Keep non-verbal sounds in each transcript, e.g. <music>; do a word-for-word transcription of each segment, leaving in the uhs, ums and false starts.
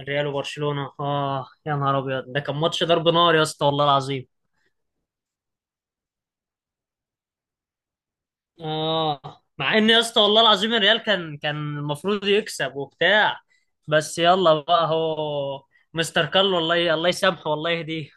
الريال وبرشلونة اه، يا نهار ابيض، ده كان ماتش ضرب نار يا اسطى والله العظيم. اه، مع ان يا اسطى والله العظيم الريال كان كان المفروض يكسب وبتاع. بس يلا بقى هو مستر كارلو، الله ي- الله يسامحه والله يهديه.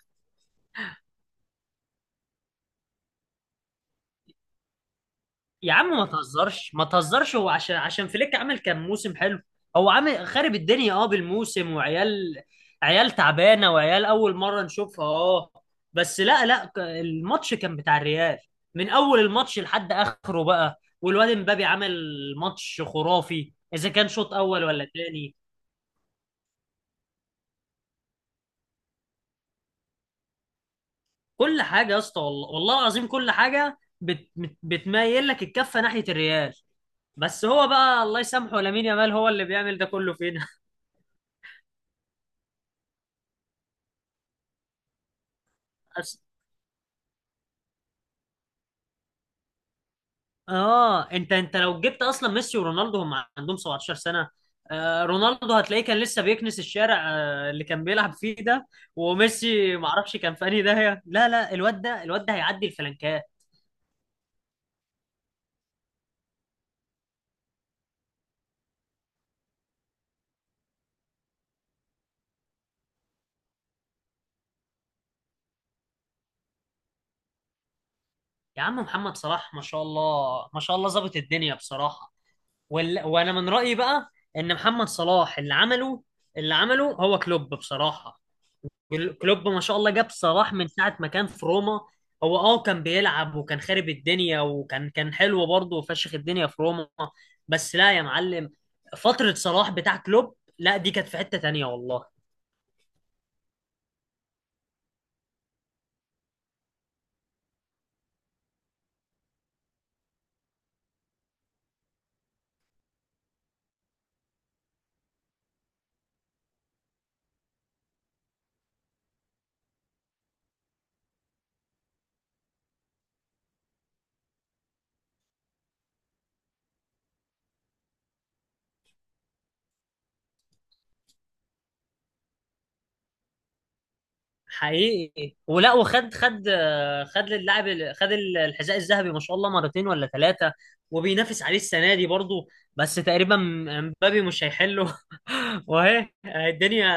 يا عم ما تهزرش ما تهزرش، هو عشان عشان فليك عمل كان موسم حلو. هو عامل خارب الدنيا اه بالموسم، وعيال عيال تعبانه، وعيال اول مره نشوفها اه. بس لا لا، ك- الماتش كان بتاع الريال من اول الماتش لحد اخره بقى، والواد امبابي عمل ماتش خرافي اذا كان شوط اول ولا تاني. كل حاجه يا اسطى والله والله العظيم، كل حاجه بت بت- بتميل لك الكفه ناحيه الريال. بس هو بقى الله يسامحه لامين يامال هو اللي بيعمل ده كله فينا. <laughs> اه، انت انت لو جبت اصلا ميسي ورونالدو هم عندهم سبعة عشر سنة سنه؟ آه، رونالدو هتلاقيه كان لسه بيكنس الشارع آه اللي كان بيلعب فيه ده. وميسي ما اعرفش كان في انهي داهيه. لا لا، الواد ده الواد ده هيعدي الفلنكات. يا عم محمد صلاح ما شاء الله ما شاء الله ظابط الدنيا بصراحه. وال... وانا من رايي بقى ان محمد صلاح اللي عمله اللي عمله هو كلوب بصراحه. كل- كلوب ما شاء الله جاب صلاح من ساعة ما كان في روما. هو اه كان بيلعب وكان خارب الدنيا، وكان كان حلو برضه وفشخ الدنيا في روما. بس لا يا معلم، فترة صلاح بتاع كلوب لا، دي كانت في حتة تانية والله. حقيقي ولا. وخد خد خد للاعب ال- خد الحذاء الذهبي ما شاء الله مرتين ولا ثلاثة، وبينافس عليه السنة دي برضه. بس تقريبا مبابي مش هيحله. <laughs> واهي الدنيا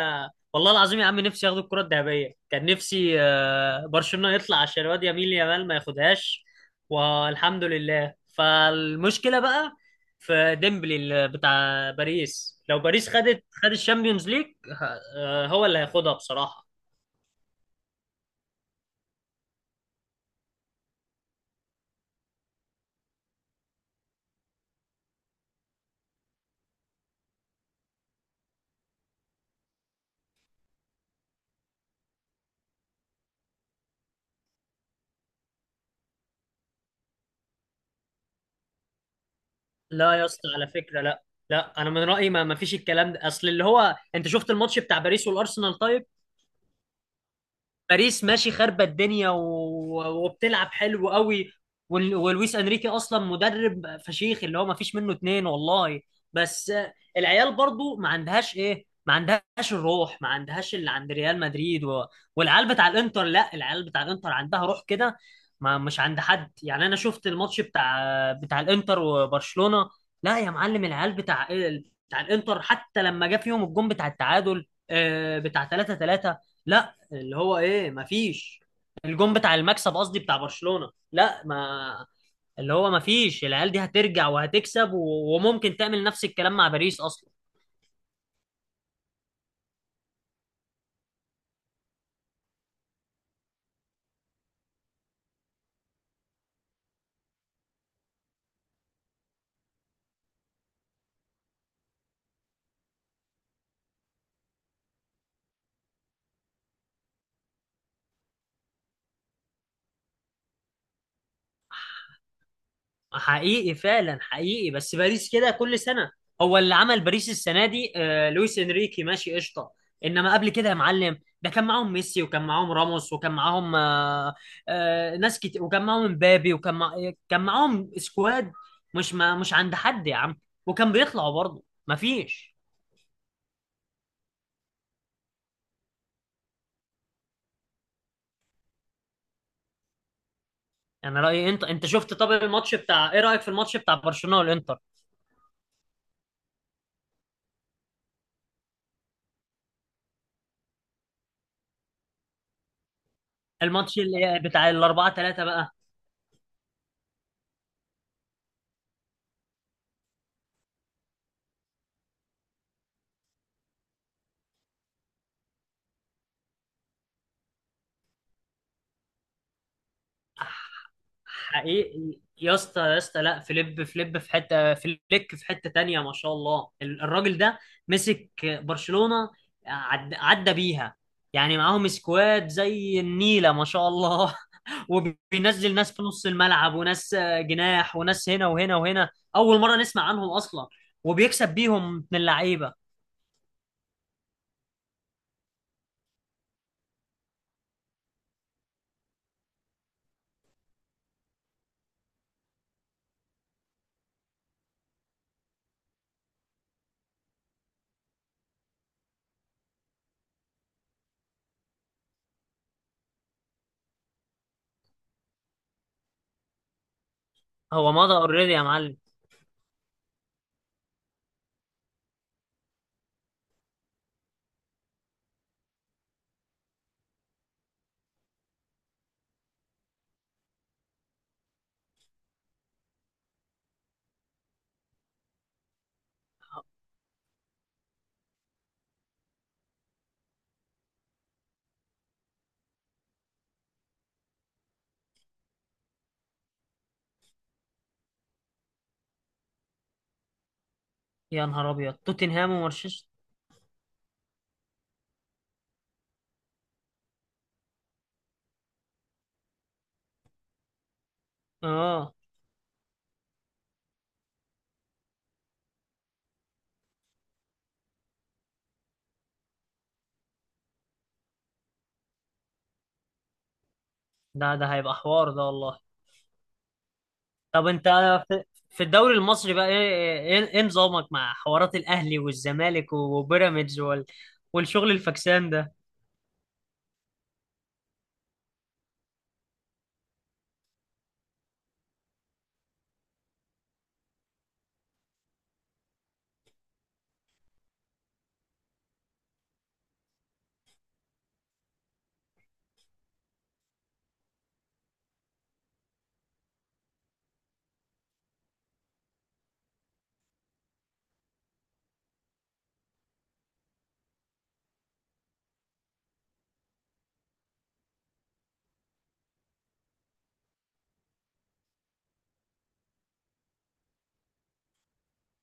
والله العظيم يا عم، نفسي ياخدوا الكرة الذهبية، كان نفسي آه، برشلونة يطلع عشان الواد يميل يامال ما ياخدهاش. والحمد لله، فالمشكلة بقى في ديمبلي اللي بتاع باريس. لو باريس خدت خد الشامبيونز ليج، ه- آه، هو اللي هياخدها بصراحة. لا يا اسطى على فكره لا. لا انا من رايي ما ما فيش الكلام ده، اصل اللي هو انت شفت الماتش بتاع باريس والارسنال طيب؟ باريس ماشي خاربه الدنيا، و... وبتلعب حلو قوي، وال... ولويس انريكي اصلا مدرب فشيخ اللي هو ما فيش منه اتنين والله. بس آه، العيال برضو ما عندهاش ايه، ما عندهاش الروح، ما عندهاش اللي عند ريال مدريد و... والعيال بتاع الانتر. لا، العيال بتاع الانتر عندها روح كده، ما مش عند حد. يعني انا شفت الماتش بتاع بتاع الانتر وبرشلونة. لا يا معلم، العيال بتاع بتاع الانتر حتى لما جه فيهم الجون بتاع التعادل آه، بتاع تلاتة تلاتة اللي هو، ايه، مفيش. الجون بتاع المكسب قصدي بتاع برشلونة لا، ما اللي هو مفيش. العيال دي هترجع وهتكسب، و... وممكن تعمل نفس الكلام مع باريس اصلا. حقيقي فعلا حقيقي، بس باريس كده كل سنة. هو اللي عمل باريس السنة دي آه لويس انريكي ماشي قشطة. انما قبل كده يا معلم ده كان معاهم ميسي، وكان معاهم راموس، وكان معاهم آه آه ناس كتير، وكان معاهم مبابي، وكان مع... كان معاهم سكواد. مش ما... مش عند حد يا عم. وكان بيطلعوا برضه مفيش. انا رايي انت انت شفت، طب الماتش بتاع، ايه رايك في الماتش بتاع برشلونه والانتر؟ الماتش اللي بتاع الاربعة ثلاثة بقى. حقيقي يا اسطى يا اسطى، لا، فليب فليب في حته فليك في حته تانية ما شاء الله. ال- الراجل ده مسك برشلونه، عد... عدى بيها. يعني معاهم سكواد زي النيله ما شاء الله. <laughs> وبينزل ناس في نص الملعب، وناس جناح، وناس هنا وهنا وهنا، اول مره نسمع عنهم اصلا، وبيكسب بيهم من اللعيبه. هو مضى اوريدي يا معلم. يا نهار ابيض، توتنهام ومانشستر. اه، ده ده هيبقى حوار ده والله. طب انت، في في الدوري المصري بقى ايه، ايه ايه نظامك مع حوارات الاهلي والزمالك وبيراميدز وال... والشغل الفكسان ده؟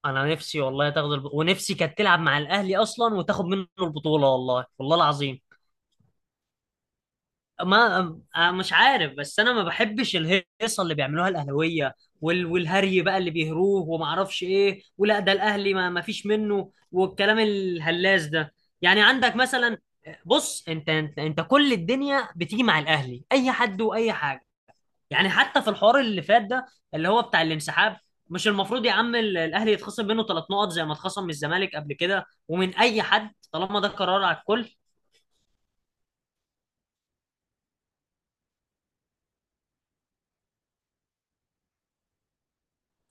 انا نفسي والله تاخد الب... ونفسي كانت تلعب مع الاهلي اصلا وتاخد منه البطولة، والله والله العظيم. ما آه، مش عارف، بس انا ما بحبش الهيصه اللي بيعملوها الاهلاويه، وال... والهري بقى اللي بيهروه وما اعرفش ايه، ولا ده الاهلي ما... ما فيش منه، والكلام الهلاس ده. يعني عندك مثلا، بص انت انت, انت كل الدنيا بتيجي مع الاهلي، اي حد واي حاجه. يعني حتى في الحوار اللي فات ده اللي هو بتاع الانسحاب، مش المفروض يا عم ال- الاهلي يتخصم منه ثلاث نقط زي ما اتخصم من الزمالك قبل كده ومن اي حد، طالما ده قرار على الكل؟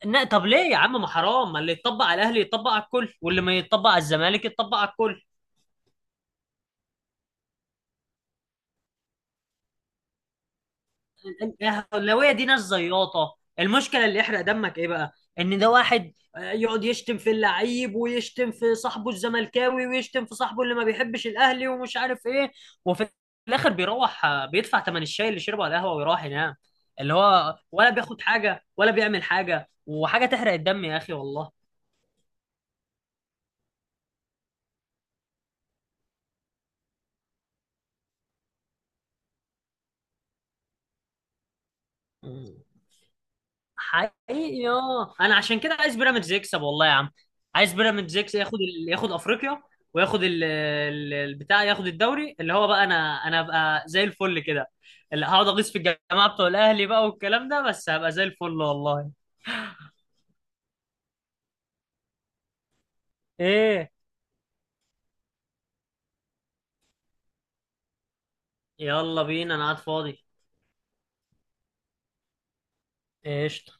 لا طب ليه يا عم، ما حرام، ما اللي يتطبق على الاهلي يتطبق على الكل، واللي ما يتطبق على الزمالك يتطبق على الكل. الاهلاويه دي ناس زياطه، المشكله اللي يحرق دمك ايه بقى؟ ان ده واحد آه، يقعد يشتم في اللعيب ويشتم في صاحبه الزملكاوي ويشتم في صاحبه اللي ما بيحبش الاهلي ومش عارف ايه، وفي الاخر بيروح آه، بيدفع ثمن الشاي اللي شربه على القهوه ويروح ينام. اللي هو ولا بياخد حاجه ولا بيعمل حاجه، وحاجه تحرق الدم يا اخي والله. حقيقي اه انا عشان كده عايز بيراميدز يكسب والله يا عم. عايز بيراميدز يكسب، ياخد ال... ياخد افريقيا، وياخد ال... ال- البتاع، ياخد الدوري اللي هو بقى. انا انا ابقى زي الفل كده، اللي هقعد اغيظ في الجماعه بتوع الاهلي بقى والكلام ده، بس هبقى زي الفل والله. ايه، يلا بينا، انا قاعد فاضي. ايش؟